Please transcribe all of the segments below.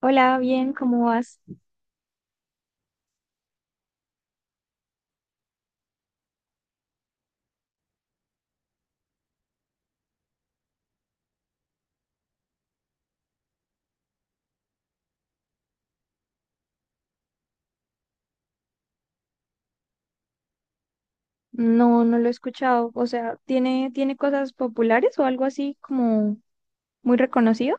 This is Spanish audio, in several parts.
Hola, bien, ¿cómo vas? No, no lo he escuchado. O sea, ¿tiene cosas populares o algo así como muy reconocido?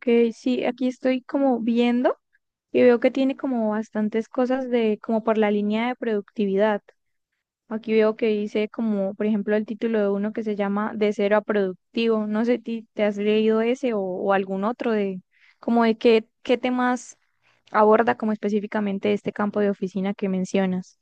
Que sí, aquí estoy como viendo y veo que tiene como bastantes cosas de, como por la línea de productividad. Aquí veo que dice como, por ejemplo, el título de uno que se llama De cero a productivo. No sé, ¿te has leído ese o algún otro de, como de qué, qué temas aborda como específicamente este campo de oficina que mencionas?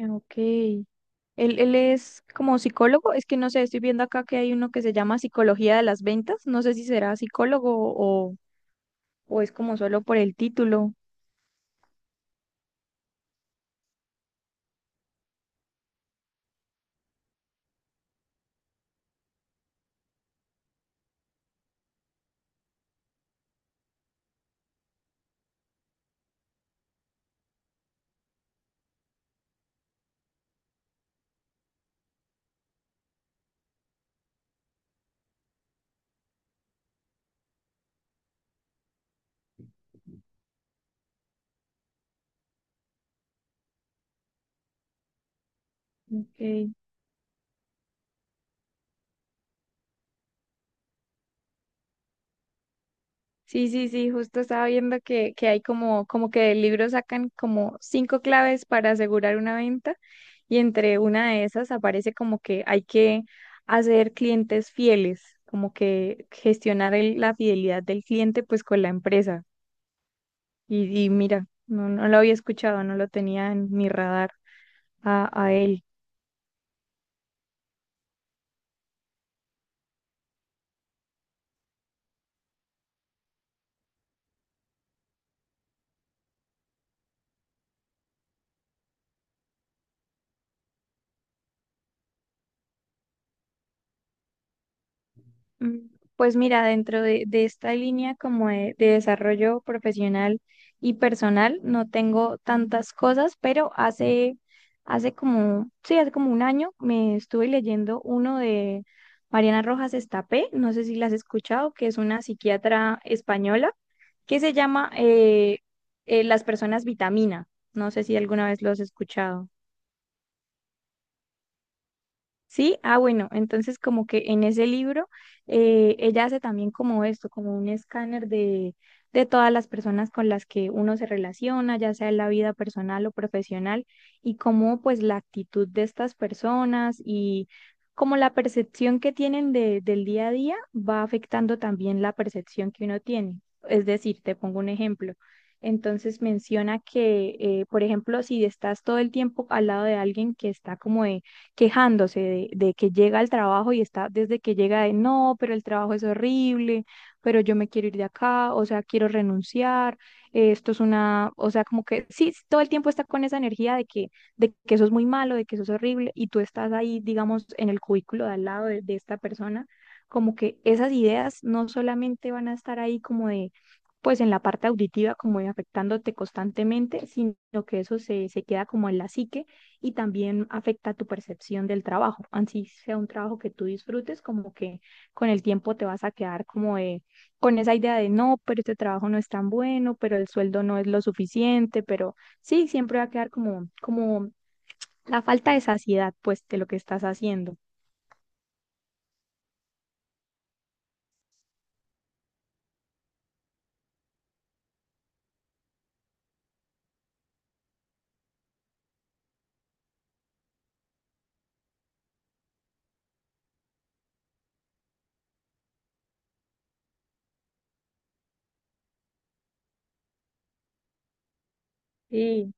Ah, ok. Él es como psicólogo, es que no sé, estoy viendo acá que hay uno que se llama Psicología de las Ventas, no sé si será psicólogo o es como solo por el título. Ok. Sí, sí, sí, justo estaba viendo que hay como, como que del libro sacan como cinco claves para asegurar una venta y entre una de esas aparece como que hay que hacer clientes fieles, como que gestionar la fidelidad del cliente pues con la empresa. Y mira, no, no lo había escuchado, no lo tenía en mi radar a él. Mm, pues mira, dentro de esta línea como de desarrollo profesional y personal, no tengo tantas cosas, pero hace, hace como, sí, hace como un año me estuve leyendo uno de Mariana Rojas Estapé, no sé si la has escuchado, que es una psiquiatra española, que se llama Las personas vitamina. No sé si alguna vez lo has escuchado. Sí, ah, bueno, entonces como que en ese libro ella hace también como esto, como un escáner de todas las personas con las que uno se relaciona, ya sea en la vida personal o profesional, y cómo pues la actitud de estas personas y como la percepción que tienen de, del día a día va afectando también la percepción que uno tiene. Es decir, te pongo un ejemplo. Entonces menciona que, por ejemplo, si estás todo el tiempo al lado de alguien que está como quejándose de que llega al trabajo y está desde que llega de no, pero el trabajo es horrible, pero yo me quiero ir de acá, o sea, quiero renunciar, esto es una, o sea, como que sí, todo el tiempo está con esa energía de que eso es muy malo, de que eso es horrible, y tú estás ahí, digamos, en el cubículo de al lado de esta persona, como que esas ideas no solamente van a estar ahí como de pues en la parte auditiva como de afectándote constantemente, sino que eso se, se queda como en la psique y también afecta tu percepción del trabajo. Así sea un trabajo que tú disfrutes, como que con el tiempo te vas a quedar como de, con esa idea de no, pero este trabajo no es tan bueno, pero el sueldo no es lo suficiente, pero sí, siempre va a quedar como, como la falta de saciedad, pues, de lo que estás haciendo. Sí,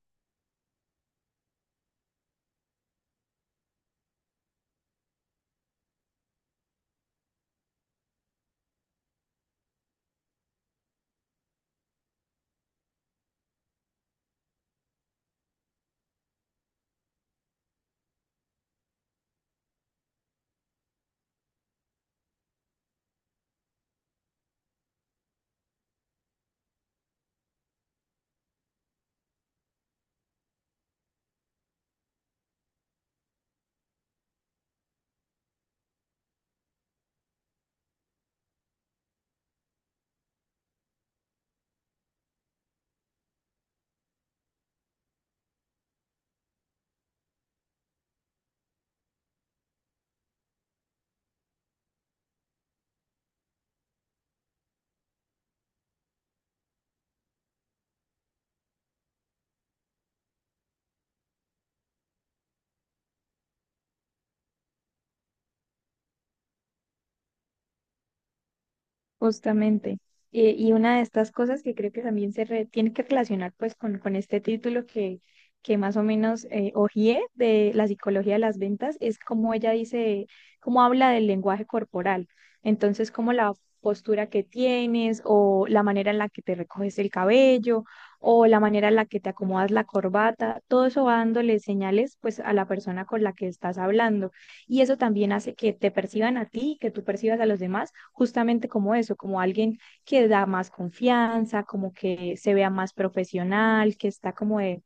justamente. Y una de estas cosas que creo que también tiene que relacionar pues con este título que más o menos hojeé de la psicología de las ventas es como ella dice, cómo habla del lenguaje corporal. Entonces, como la postura que tienes o la manera en la que te recoges el cabello o la manera en la que te acomodas la corbata, todo eso va dándole señales pues a la persona con la que estás hablando. Y eso también hace que te perciban a ti, que tú percibas a los demás justamente como eso, como alguien que da más confianza, como que se vea más profesional, que está como de,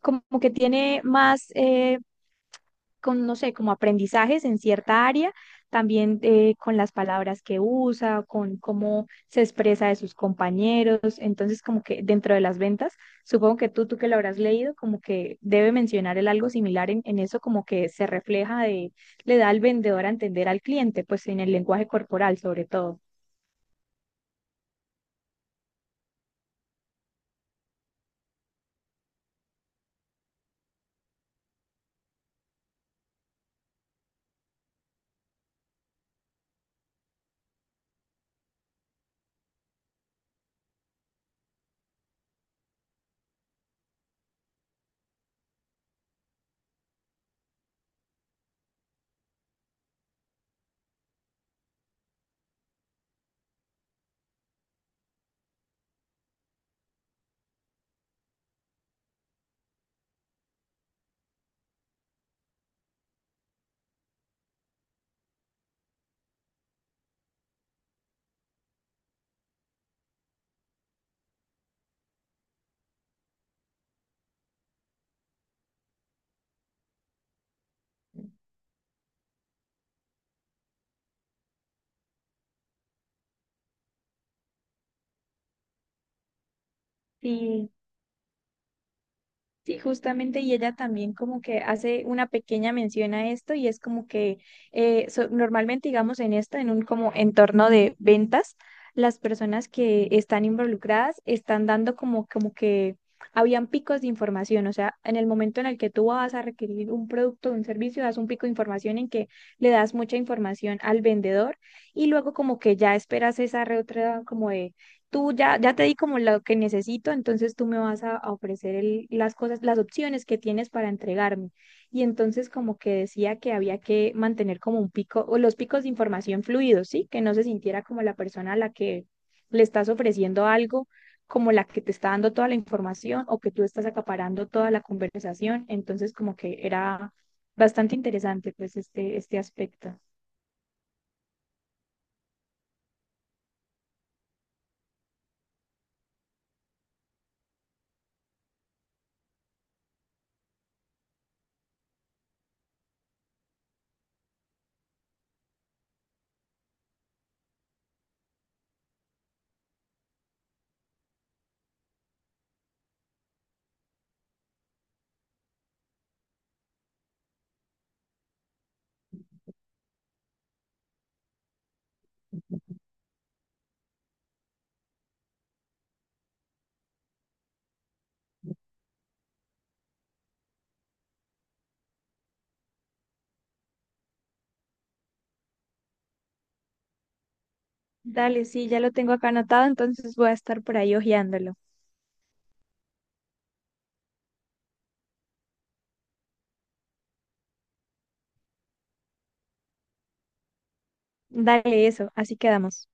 como que tiene más, con, no sé, como aprendizajes en cierta área, también con las palabras que usa, con cómo se expresa de sus compañeros. Entonces, como que dentro de las ventas, supongo que tú que lo habrás leído, como que debe mencionar el algo similar en eso, como que se refleja de, le da al vendedor a entender al cliente, pues en el lenguaje corporal sobre todo. Sí, sí, justamente, y ella también como que hace una pequeña mención a esto y es como que normalmente, digamos, en esto, en un como entorno de ventas, las personas que están involucradas están dando como, como que habían picos de información, o sea, en el momento en el que tú vas a requerir un producto o un servicio, das un pico de información en que le das mucha información al vendedor y luego como que ya esperas esa reotra como tú ya, ya te di como lo que necesito, entonces tú me vas a ofrecer las cosas, las opciones que tienes para entregarme. Y entonces como que decía que había que mantener como un pico o los picos de información fluidos, ¿sí? Que no se sintiera como la persona a la que le estás ofreciendo algo, como la que te está dando toda la información o que tú estás acaparando toda la conversación. Entonces como que era bastante interesante pues este aspecto. Dale, sí, ya lo tengo acá anotado, entonces voy a estar por ahí hojeándolo. Dale eso, así quedamos.